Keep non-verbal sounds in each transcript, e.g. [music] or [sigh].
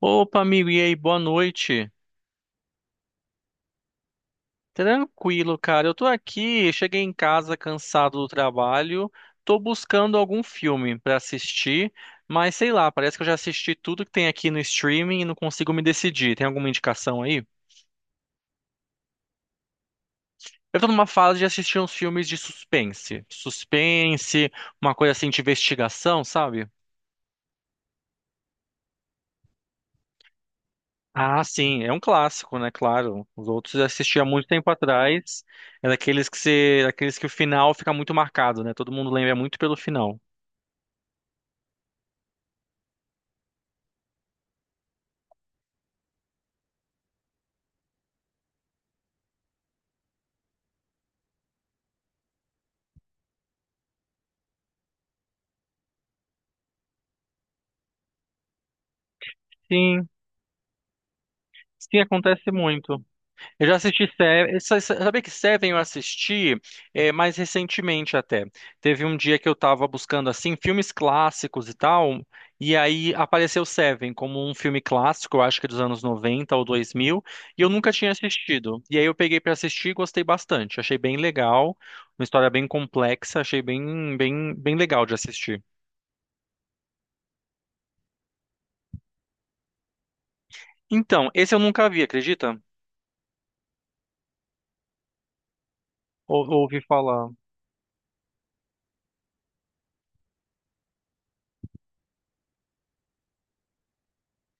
Opa, amigo, e aí, boa noite. Tranquilo, cara. Eu tô aqui, cheguei em casa cansado do trabalho, tô buscando algum filme pra assistir, mas sei lá, parece que eu já assisti tudo que tem aqui no streaming e não consigo me decidir. Tem alguma indicação aí? Eu tô numa fase de assistir uns filmes de suspense. Suspense, uma coisa assim de investigação, sabe? Ah, sim, é um clássico, né? Claro. Os outros eu assisti há muito tempo atrás. É daqueles que o final fica muito marcado, né? Todo mundo lembra muito pelo final. Sim, sim, acontece muito. Eu já assisti Seven. Sabia que Seven eu assisti mais recentemente até. Teve um dia que eu tava buscando assim filmes clássicos e tal, e aí apareceu Seven como um filme clássico, eu acho que dos anos 90 ou 2000, e eu nunca tinha assistido. E aí eu peguei pra assistir e gostei bastante. Achei bem legal, uma história bem complexa, achei bem bem bem legal de assistir. Então, esse eu nunca vi, acredita? Ouvi falar.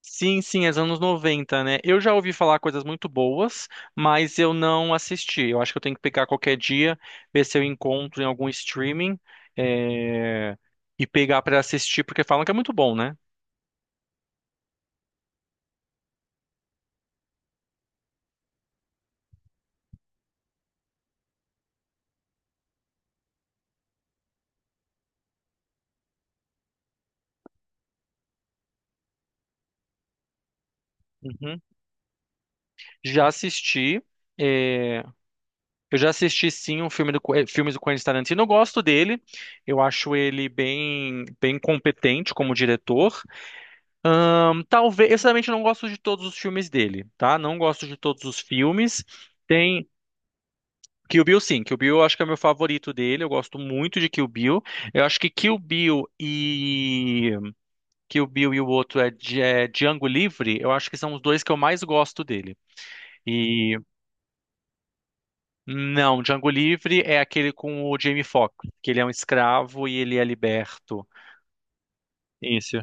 Sim, sim, é dos anos 90, né? Eu já ouvi falar coisas muito boas, mas eu não assisti. Eu acho que eu tenho que pegar qualquer dia, ver se eu encontro em algum streaming, é, e pegar pra assistir, porque falam que é muito bom, né? Uhum. Já assisti. é, Eu já assisti sim um filme filmes do Quentin Tarantino. Eu gosto dele. Eu acho ele bem bem competente como diretor. Talvez, eu sinceramente não gosto de todos os filmes dele, tá? Não gosto de todos os filmes. Tem Kill Bill, sim. Kill Bill eu acho que é o meu favorito dele. Eu gosto muito de Kill Bill. Eu acho que Kill Bill e. Kill Bill e o outro é Django Livre. Eu acho que são os dois que eu mais gosto dele. E. Não, Django Livre é aquele com o Jamie Foxx, que ele é um escravo e ele é liberto. Isso.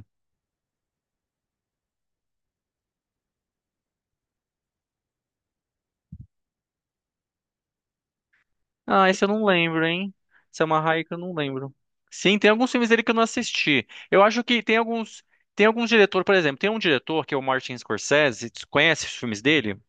Ah, esse eu não lembro, hein? Esse é uma raia que eu não lembro. Sim, tem alguns filmes dele que eu não assisti. Eu acho que tem alguns. Tem alguns diretores, por exemplo, tem um diretor que é o Martin Scorsese. Tu conhece os filmes dele?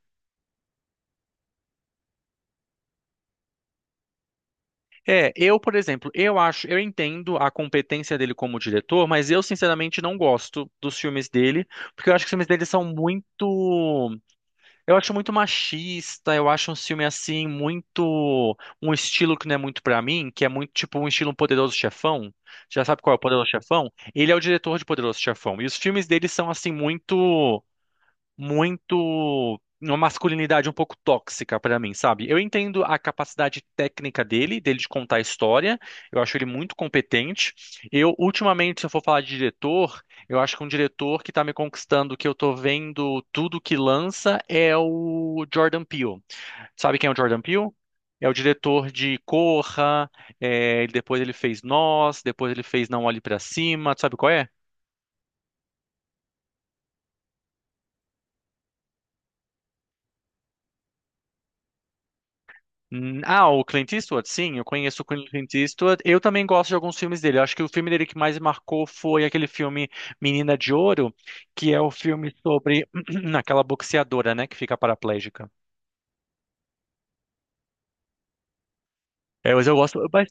É, eu, por exemplo, eu acho, eu entendo a competência dele como diretor, mas eu sinceramente não gosto dos filmes dele, porque eu acho que os filmes dele são muito, eu acho muito machista, eu acho um filme assim muito um estilo que não é muito pra mim, que é muito tipo um estilo um Poderoso Chefão. Já sabe qual é o Poderoso Chefão? Ele é o diretor de Poderoso Chefão. E os filmes dele são assim muito muito uma masculinidade um pouco tóxica pra mim, sabe? Eu entendo a capacidade técnica dele de contar a história. Eu acho ele muito competente. Eu ultimamente, se eu for falar de diretor, eu acho que um diretor que tá me conquistando, que eu tô vendo tudo que lança é o Jordan Peele. Sabe quem é o Jordan Peele? É o diretor de Corra, depois ele fez Nós, depois ele fez Não Olhe Pra Cima, tu sabe qual é? Ah, o Clint Eastwood, sim, eu conheço o Clint Eastwood. Eu também gosto de alguns filmes dele. Eu acho que o filme dele que mais marcou foi aquele filme Menina de Ouro, que é o filme sobre [clears throat] aquela boxeadora, né, que fica paraplégica. É, mas eu gosto, mas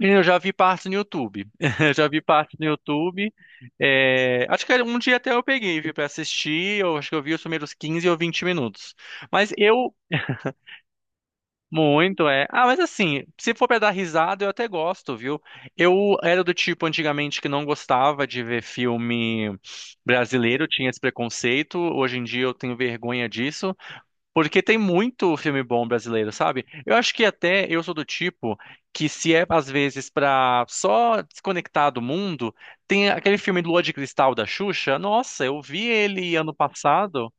eu já vi partes no YouTube. [laughs] Eu já vi partes no YouTube. É, acho que um dia até eu peguei, vi, pra assistir. Eu acho que eu vi os primeiros 15 ou 20 minutos. Mas eu muito, é. Ah, mas assim, se for pra dar risada, eu até gosto, viu? Eu era do tipo antigamente que não gostava de ver filme brasileiro, tinha esse preconceito. Hoje em dia eu tenho vergonha disso, porque tem muito filme bom brasileiro, sabe? Eu acho que até eu sou do tipo que se é às vezes pra só desconectar do mundo, tem aquele filme Lua de Cristal da Xuxa. Nossa, eu vi ele ano passado.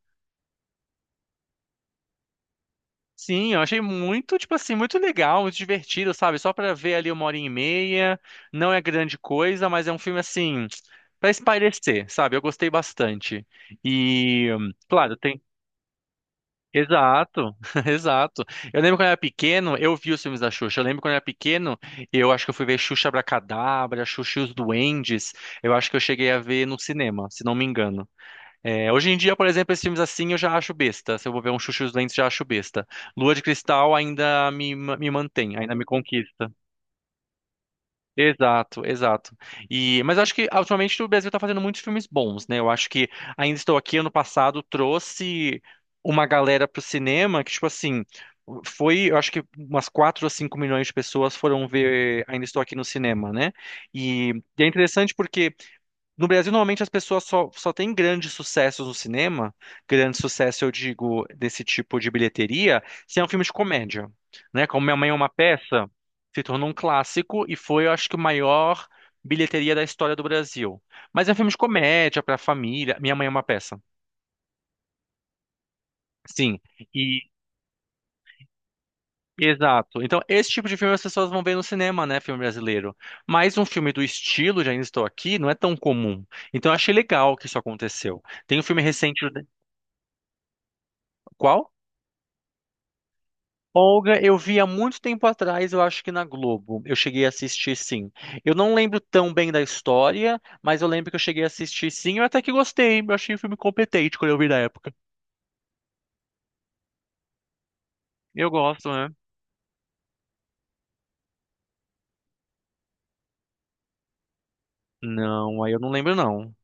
Sim, eu achei muito, tipo assim, muito legal, muito divertido, sabe? Só pra ver ali uma hora e meia. Não é grande coisa, mas é um filme assim pra espairecer, sabe? Eu gostei bastante. E, claro, tem. Exato, [laughs] exato. Eu lembro quando eu era pequeno, eu vi os filmes da Xuxa. Eu lembro quando eu era pequeno, eu acho que eu fui ver Xuxa Abracadabra, Xuxa e os Duendes. Eu acho que eu cheguei a ver no cinema, se não me engano. É, hoje em dia, por exemplo, esses filmes assim eu já acho besta. Se eu vou ver um Chuchu e os Lentos, já acho besta. Lua de Cristal ainda me mantém, ainda me conquista. Exato, exato. E, mas eu acho que ultimamente o Brasil está fazendo muitos filmes bons, né? Eu acho que Ainda Estou Aqui, ano passado, trouxe uma galera pro cinema que, tipo assim, foi, eu acho que umas 4 ou 5 milhões de pessoas foram ver Ainda Estou Aqui no cinema, né? E, é interessante porque no Brasil, normalmente as pessoas só têm grandes sucessos no cinema, grande sucesso, eu digo, desse tipo de bilheteria, se é um filme de comédia, né? Como Minha Mãe é uma Peça, se tornou um clássico e foi, eu acho que, o maior bilheteria da história do Brasil. Mas é um filme de comédia para família. Minha Mãe é uma Peça. Sim, e exato. Então, esse tipo de filme as pessoas vão ver no cinema, né, filme brasileiro. Mas um filme do estilo, já Ainda Estou Aqui, não é tão comum. Então, eu achei legal que isso aconteceu. Tem um filme recente, qual? Olga, eu vi há muito tempo atrás, eu acho que na Globo. Eu cheguei a assistir, sim. Eu não lembro tão bem da história, mas eu lembro que eu cheguei a assistir, sim. Eu até que gostei. Eu achei o filme competente quando eu vi na época. Eu gosto, né? Não, aí eu não lembro, não.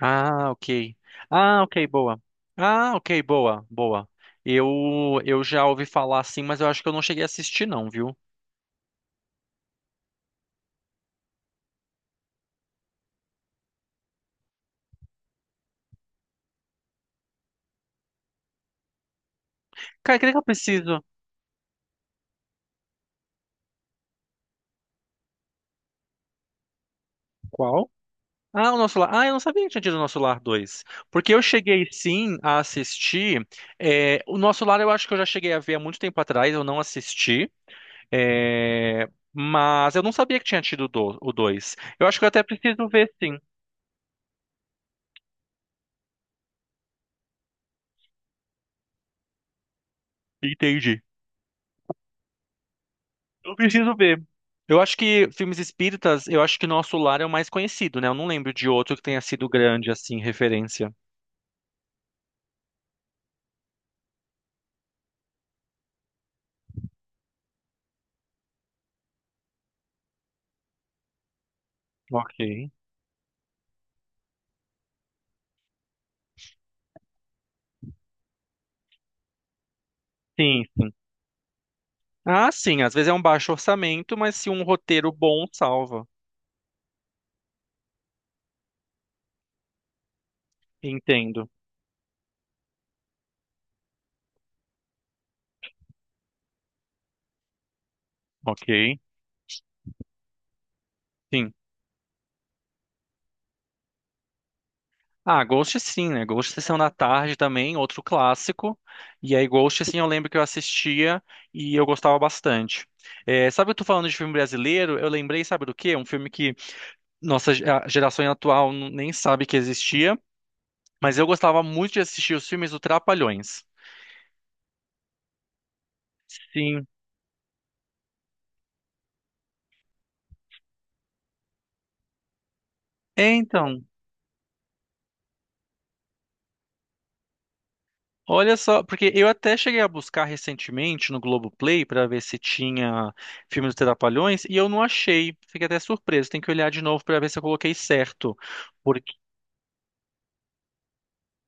Ah, ok. Ah, ok, boa. Ah, ok, boa, boa. Eu já ouvi falar, sim, mas eu acho que eu não cheguei a assistir, não, viu? Cara, o que eu preciso? Qual? Ah, o Nosso Lar. Ah, eu não sabia que tinha tido o Nosso Lar 2. Porque eu cheguei sim a assistir. O Nosso Lar eu acho que eu já cheguei a ver há muito tempo atrás, eu não assisti. é, Mas eu não sabia que tinha tido o o 2. Eu acho que eu até preciso ver sim. Entendi. Eu preciso ver. Eu acho que filmes espíritas, eu acho que Nosso Lar é o mais conhecido, né? Eu não lembro de outro que tenha sido grande assim, referência. Ok. Sim, sim. Ah, sim, às vezes é um baixo orçamento, mas se um roteiro bom salva. Entendo. Ok, sim. Ah, Ghost sim, né? Ghost Sessão da Tarde também, outro clássico. E aí, Ghost, sim, eu lembro que eu assistia e eu gostava bastante. É, sabe, eu tô falando de filme brasileiro, eu lembrei, sabe do quê? Um filme que nossa a geração atual nem sabe que existia, mas eu gostava muito de assistir os filmes do Trapalhões. Sim. É, então. Olha só, porque eu até cheguei a buscar recentemente no Globoplay para ver se tinha filme dos Trapalhões e eu não achei. Fiquei até surpreso. Tem que olhar de novo para ver se eu coloquei certo. Porque...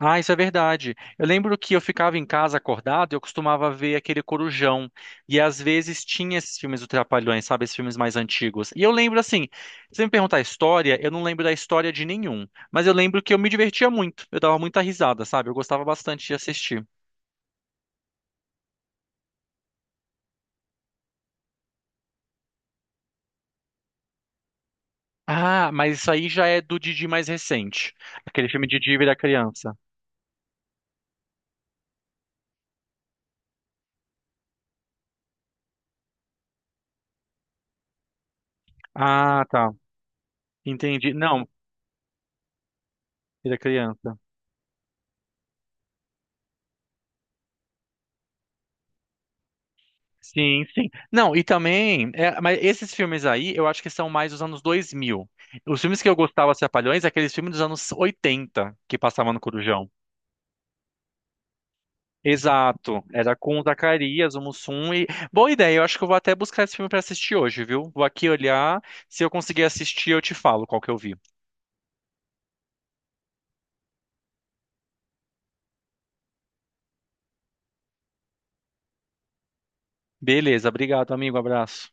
Ah, isso é verdade. Eu lembro que eu ficava em casa acordado e eu costumava ver aquele Corujão. E às vezes tinha esses filmes dos Trapalhões, sabe? Esses filmes mais antigos. E eu lembro assim, se você me perguntar a história, eu não lembro da história de nenhum. Mas eu lembro que eu me divertia muito. Eu dava muita risada, sabe? Eu gostava bastante de assistir. Ah, mas isso aí já é do Didi mais recente. Aquele filme Didi vira criança. Ah, tá. Entendi. Não, vira criança. Sim, sim. Não, e também, é, mas esses filmes aí, eu acho que são mais dos anos 2000. Os filmes que eu gostava, Trapalhões, é aqueles filmes dos anos 80 que passavam no Corujão. Exato, era com o Zacarias, o Mussum e... Boa ideia, eu acho que eu vou até buscar esse filme pra assistir hoje, viu? Vou aqui olhar, se eu conseguir assistir, eu te falo qual que eu vi. Beleza, obrigado, amigo, abraço.